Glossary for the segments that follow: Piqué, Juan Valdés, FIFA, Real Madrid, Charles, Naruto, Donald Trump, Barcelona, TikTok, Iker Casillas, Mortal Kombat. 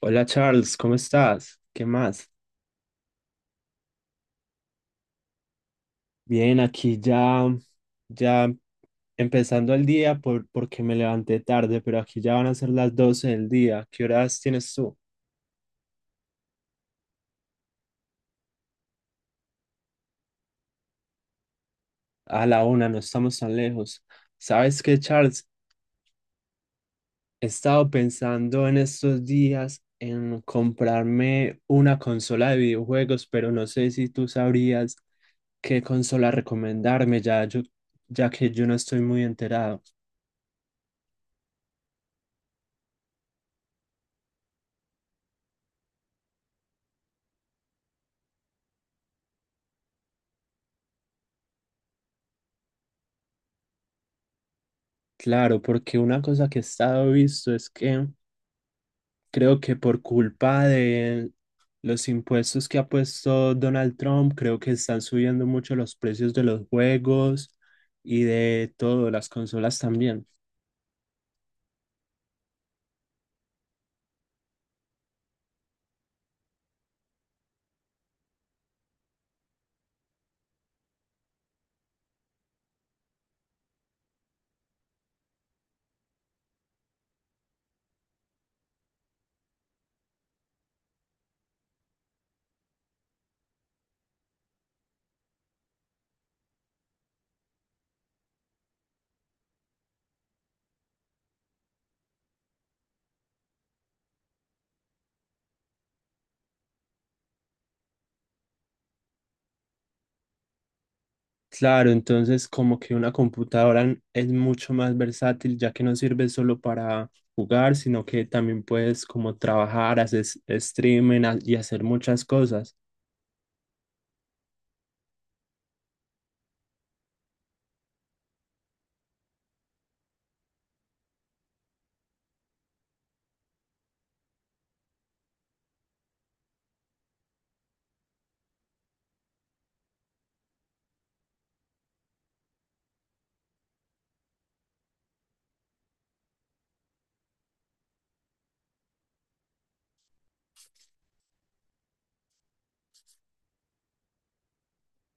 Hola Charles, ¿cómo estás? ¿Qué más? Bien, aquí ya, ya empezando el día porque me levanté tarde, pero aquí ya van a ser las 12 del día. ¿Qué horas tienes tú? A la 1, no estamos tan lejos. ¿Sabes qué, Charles? He estado pensando en estos días en comprarme una consola de videojuegos, pero no sé si tú sabrías qué consola recomendarme, ya que yo no estoy muy enterado. Claro, porque una cosa que he estado visto es que creo que por culpa de los impuestos que ha puesto Donald Trump, creo que están subiendo mucho los precios de los juegos y de todo, las consolas también. Claro, entonces como que una computadora es mucho más versátil, ya que no sirve solo para jugar, sino que también puedes como trabajar, hacer streaming y hacer muchas cosas.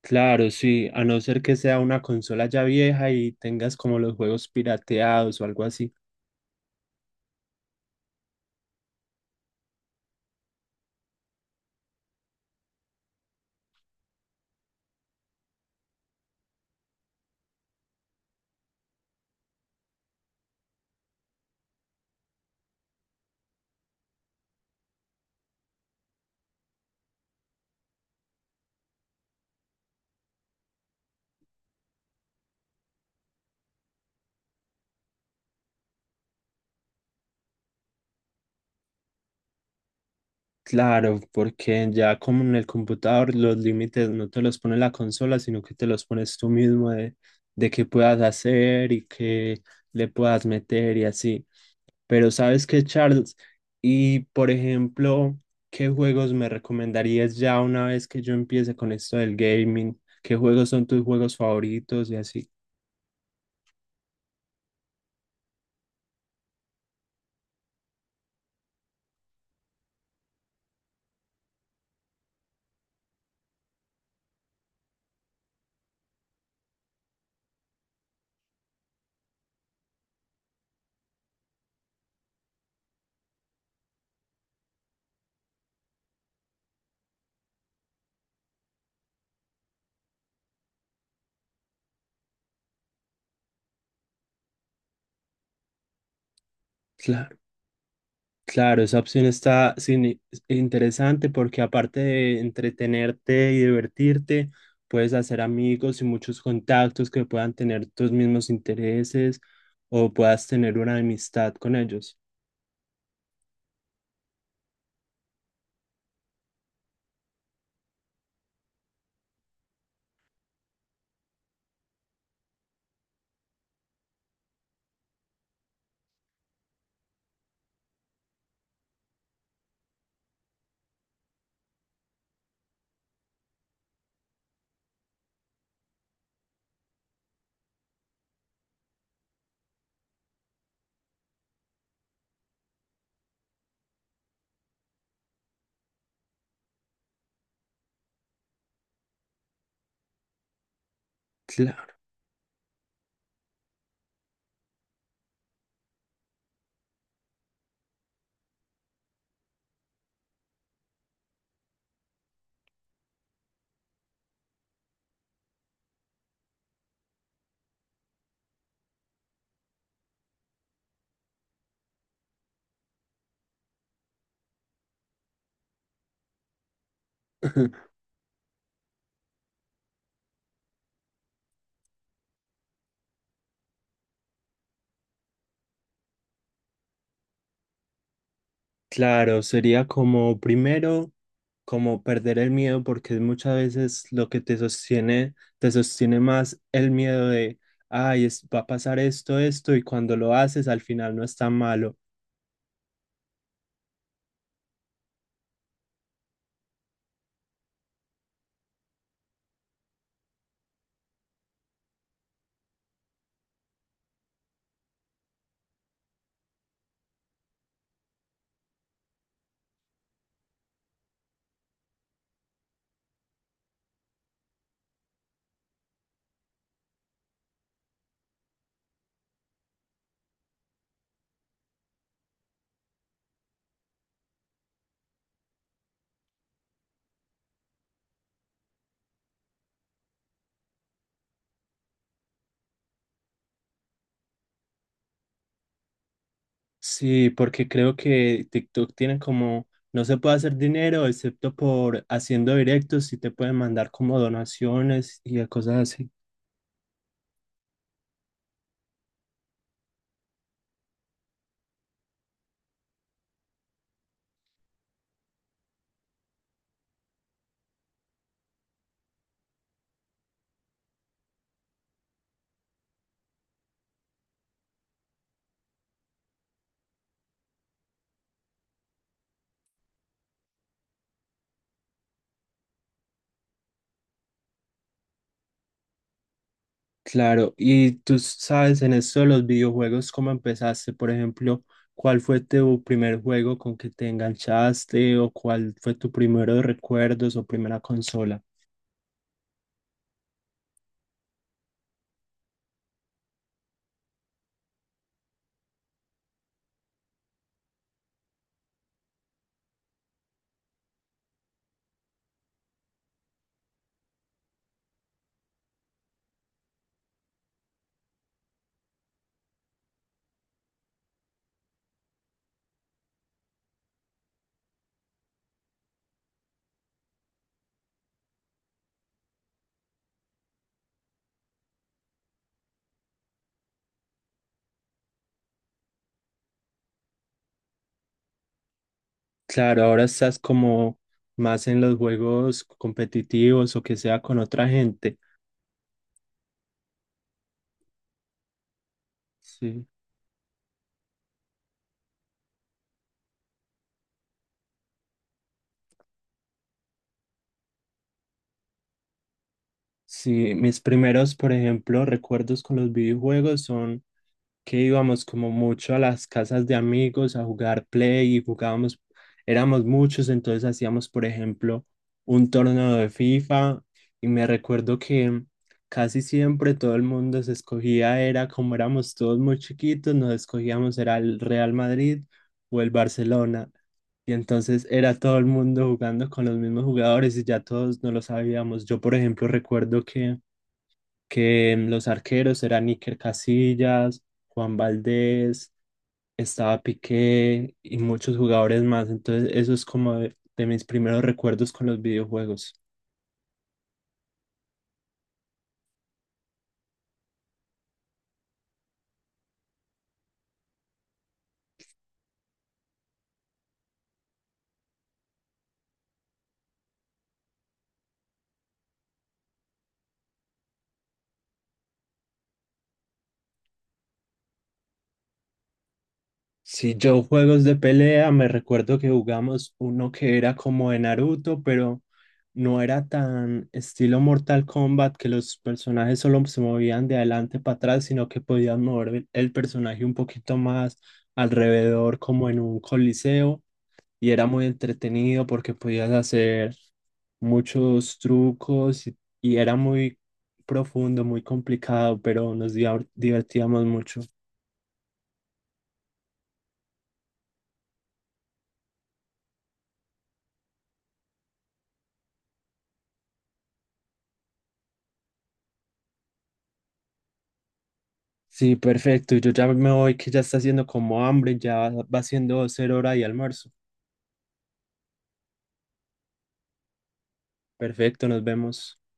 Claro, sí, a no ser que sea una consola ya vieja y tengas como los juegos pirateados o algo así. Claro, porque ya como en el computador los límites no te los pone la consola, sino que te los pones tú mismo de qué puedas hacer y qué le puedas meter y así. Pero ¿sabes qué, Charles? Y por ejemplo, ¿qué juegos me recomendarías ya una vez que yo empiece con esto del gaming? ¿Qué juegos son tus juegos favoritos y así? Claro. Claro, esa opción está interesante porque aparte de entretenerte y divertirte, puedes hacer amigos y muchos contactos que puedan tener tus mismos intereses o puedas tener una amistad con ellos. Cla- Claro, sería como primero, como perder el miedo porque muchas veces lo que te sostiene más el miedo de, ay, va a pasar esto, esto y cuando lo haces al final no es tan malo. Sí, porque creo que TikTok tiene como, no se puede hacer dinero excepto por haciendo directos y te pueden mandar como donaciones y cosas así. Claro, y tú sabes en esto de los videojuegos, ¿cómo empezaste? Por ejemplo, ¿cuál fue tu primer juego con que te enganchaste o cuál fue tu primero recuerdos o primera consola? Claro, ahora estás como más en los juegos competitivos o que sea con otra gente. Sí. Sí, mis primeros, por ejemplo, recuerdos con los videojuegos son que íbamos como mucho a las casas de amigos a jugar play y jugábamos, éramos muchos, entonces hacíamos, por ejemplo, un torneo de FIFA y me recuerdo que casi siempre todo el mundo se escogía, era como éramos todos muy chiquitos, nos escogíamos, era el Real Madrid o el Barcelona. Y entonces era todo el mundo jugando con los mismos jugadores y ya todos no lo sabíamos. Yo, por ejemplo, recuerdo que los arqueros eran Iker Casillas, Juan Valdés, estaba Piqué y muchos jugadores más. Entonces, eso es como de mis primeros recuerdos con los videojuegos. Si yo juegos de pelea, me recuerdo que jugamos uno que era como de Naruto, pero no era tan estilo Mortal Kombat que los personajes solo se movían de adelante para atrás, sino que podían mover el personaje un poquito más alrededor, como en un coliseo. Y era muy entretenido porque podías hacer muchos trucos y era muy profundo, muy complicado, pero nos divertíamos mucho. Sí, perfecto. Yo ya me voy, que ya está haciendo como hambre, ya va siendo ser hora de almuerzo. Perfecto, nos vemos.